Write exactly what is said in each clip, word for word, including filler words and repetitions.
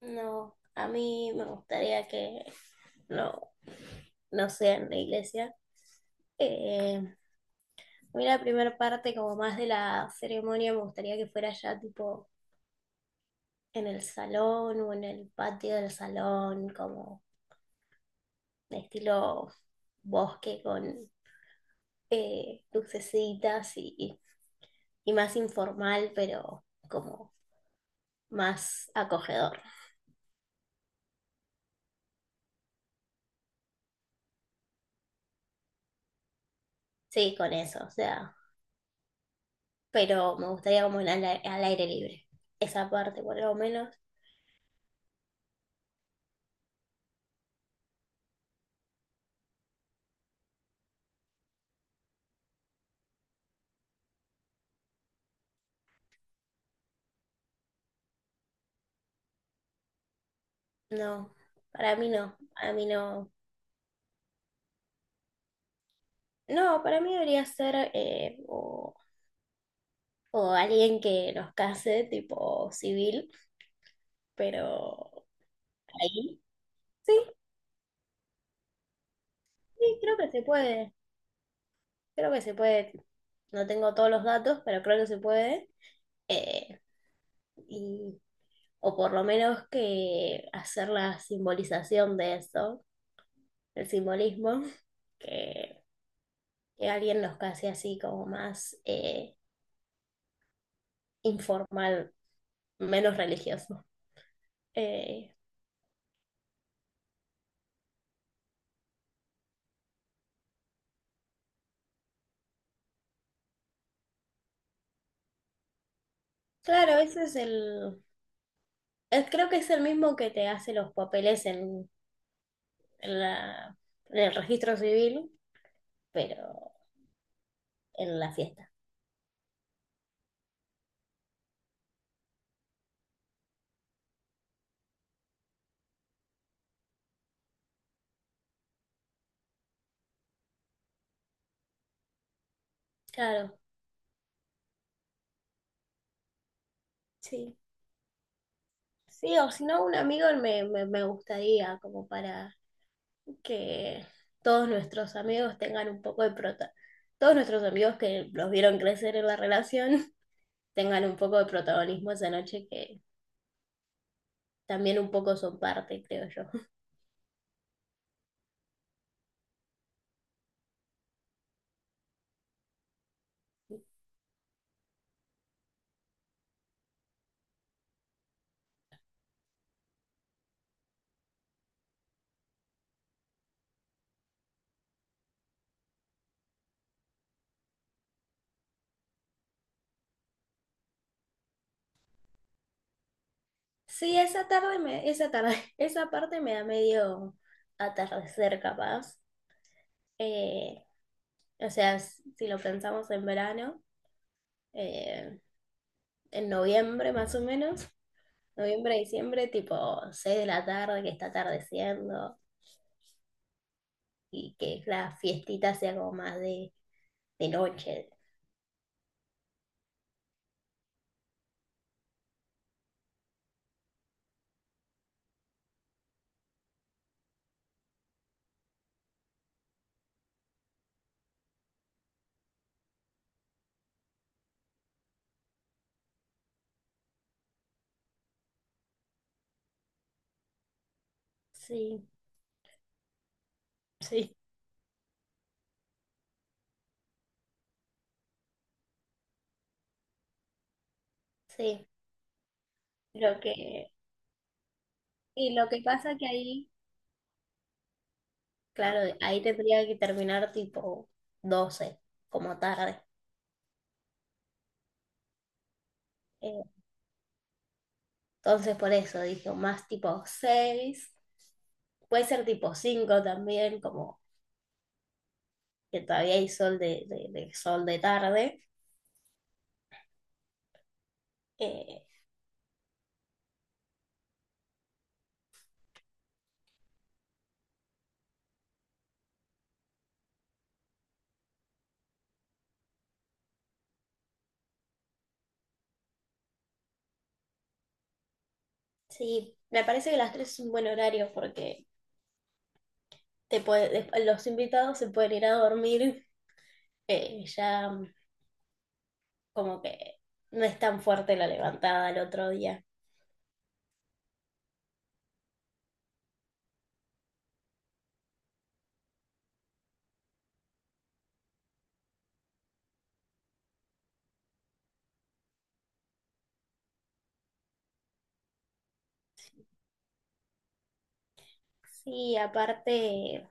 No, a mí me gustaría que no, no sea en la iglesia. Eh, a mí la primera parte, como más de la ceremonia, me gustaría que fuera ya tipo en el salón o en el patio del salón, como de estilo bosque con eh, lucecitas y, y más informal, pero como más acogedor. Sí, con eso, o sea, pero me gustaría como en al, al aire libre. Esa parte, por lo menos. No, para mí no, para mí no. No, para mí debería ser eh, o, o alguien que nos case, tipo civil, pero ahí sí, sí, creo que se puede, creo que se puede. No tengo todos los datos, pero creo que se puede. eh, y, o por lo menos que hacer la simbolización de eso, el simbolismo, que, que alguien nos case así como más eh, informal, menos religioso. Eh, claro, ese es el, es- creo que es el mismo que te hace los papeles en, en la, en el registro civil, pero en la fiesta. Claro, sí. Sí, o si no, un amigo me, me, me gustaría como para que todos nuestros amigos tengan un poco de prota, todos nuestros amigos que los vieron crecer en la relación tengan un poco de protagonismo esa noche que también un poco son parte, creo yo. Sí, esa tarde, me, esa tarde, esa parte me da medio atardecer capaz. Eh, o sea, s- si lo pensamos en verano, eh, en noviembre más o menos, noviembre, diciembre, tipo seis de la tarde que está atardeciendo y que la fiestita sea como más de, de noche. Sí, sí, sí. Lo que, y lo que pasa que ahí, claro, ahí tendría que terminar tipo doce como tarde. Eh, Entonces por eso dije más tipo seis, puede ser tipo cinco también, como que todavía hay sol de, de- de sol de tarde. Eh, sí, me parece que las tres es un buen horario porque te puede- des- los invitados se pueden ir a dormir, eh, ya, mm, como que no es tan fuerte la levantada al otro día. Sí, aparte,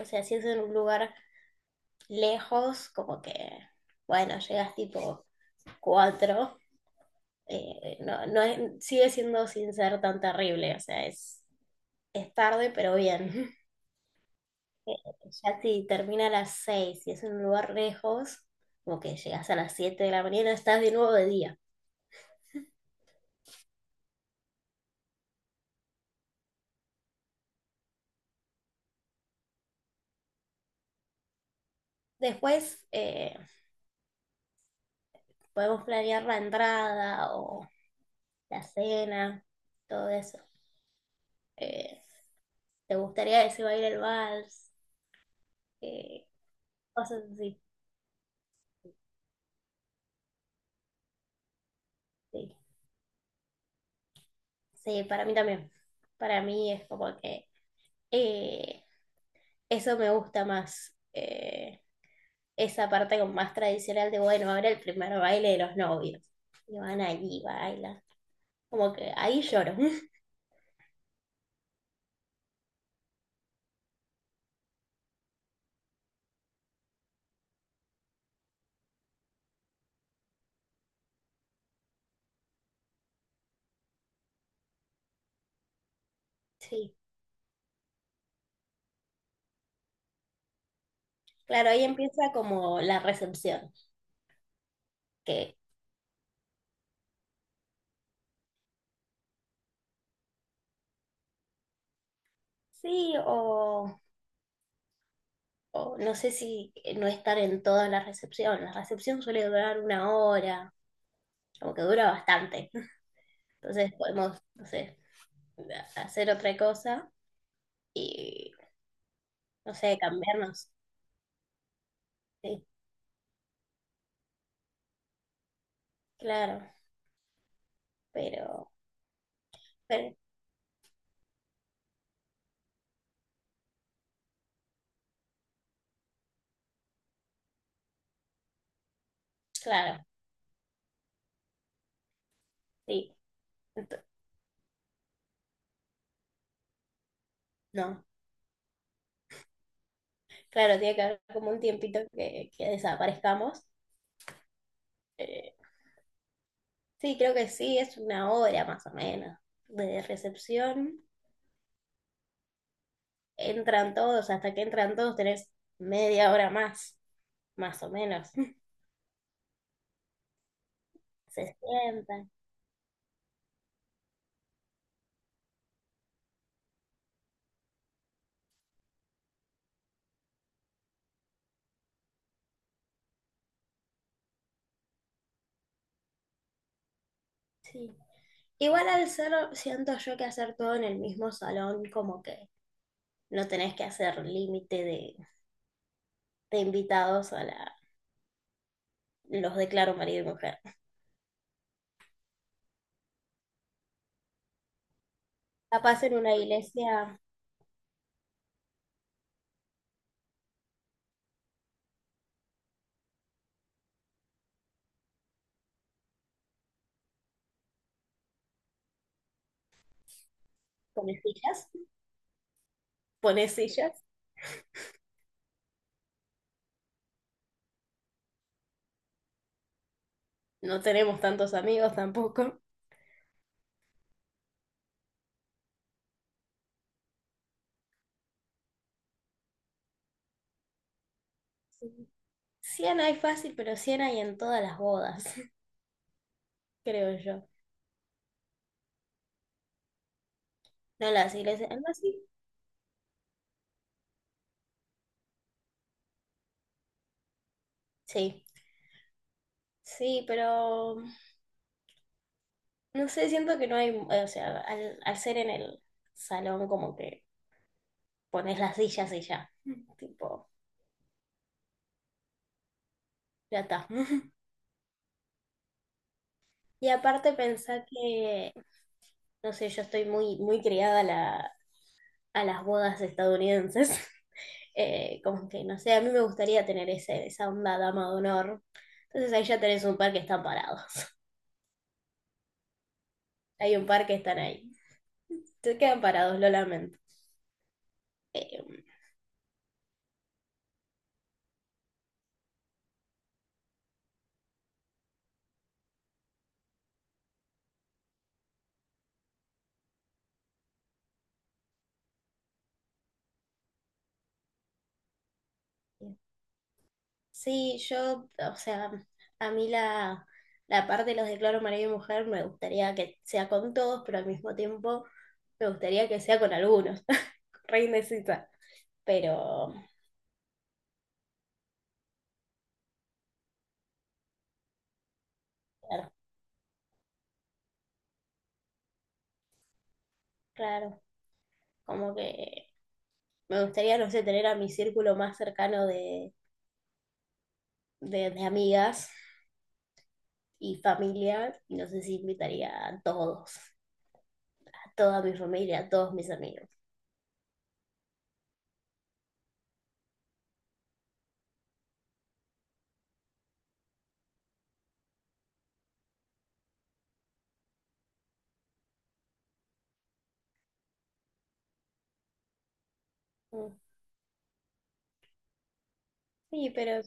o sea, si es en un lugar lejos, como que, bueno, llegas tipo cuatro, eh, no, no es- sigue siendo sin ser tan terrible, o sea, es, es tarde, pero bien. Eh, Ya si termina a las seis y es en un lugar lejos, como que llegas a las siete de la mañana, estás de nuevo de día. Después eh, podemos planear la entrada o la cena, todo eso. Eh, ¿Te gustaría que se baile el vals? Eh, Cosas así. Sí, sí, para mí también. Para mí es como que. eh, Eso me gusta más, eh, esa parte como más tradicional de, bueno, ahora el primer baile de los novios. Y van allí, bailan. Como que ahí lloro. Sí. Claro, ahí empieza como la recepción, que sí, o, o no sé si no estar en toda la recepción. La recepción suele durar una hora, como que dura bastante. Entonces podemos, no sé, hacer otra cosa y, no sé, cambiarnos. Sí, claro, pero, pero claro. Sí, ento- no. Claro, tiene que haber como un tiempito que, que desaparezcamos. Eh, sí, creo que sí, es una hora más o menos de recepción. Entran todos, hasta que entran todos tenés media hora más, más o menos. Se sientan, sí. Igual al ser, siento yo que hacer todo en el mismo salón, como que no tenés que hacer límite de, de invitados a la, los declaro marido y mujer. Capaz en una iglesia pones sillas, pones sillas. No tenemos tantos amigos tampoco. Sí. Siena hay fácil, pero Siena hay en todas las bodas, creo yo. No en las iglesias, ¿no? Sí, sí, sí, pero no sé, siento que no hay, o sea, al, al ser en el salón como que pones las sillas y ya, tipo, ya está. Y aparte pensar que, no sé, yo estoy muy, muy criada a la- a las bodas estadounidenses. Eh, como que, no sé, a mí me gustaría tener ese, esa onda dama de honor. Entonces ahí ya tenés un par que están parados. Hay un par que están ahí. Se quedan parados, lo lamento. Eh, sí, yo, o sea, a mí la, la parte de los declaro marido y mujer me gustaría que sea con todos, pero al mismo tiempo me gustaría que sea con algunos. Re indecisa. Pero, claro, claro, como que me gustaría, no sé, tener a mi círculo más cercano de, de, de amigas y familiar, y No sé si invitaría a todos, a toda mi familia, a todos mis amigos. Mm, sí, pero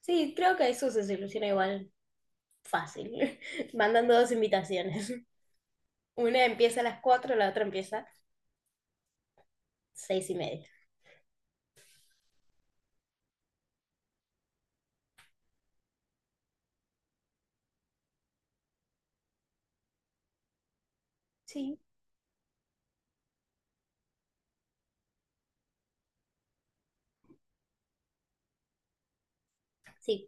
sí, creo que eso se soluciona igual fácil, mandando dos invitaciones. Una empieza a las cuatro, la otra empieza a seis y media. Sí, sí.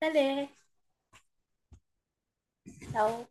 Dale, chao.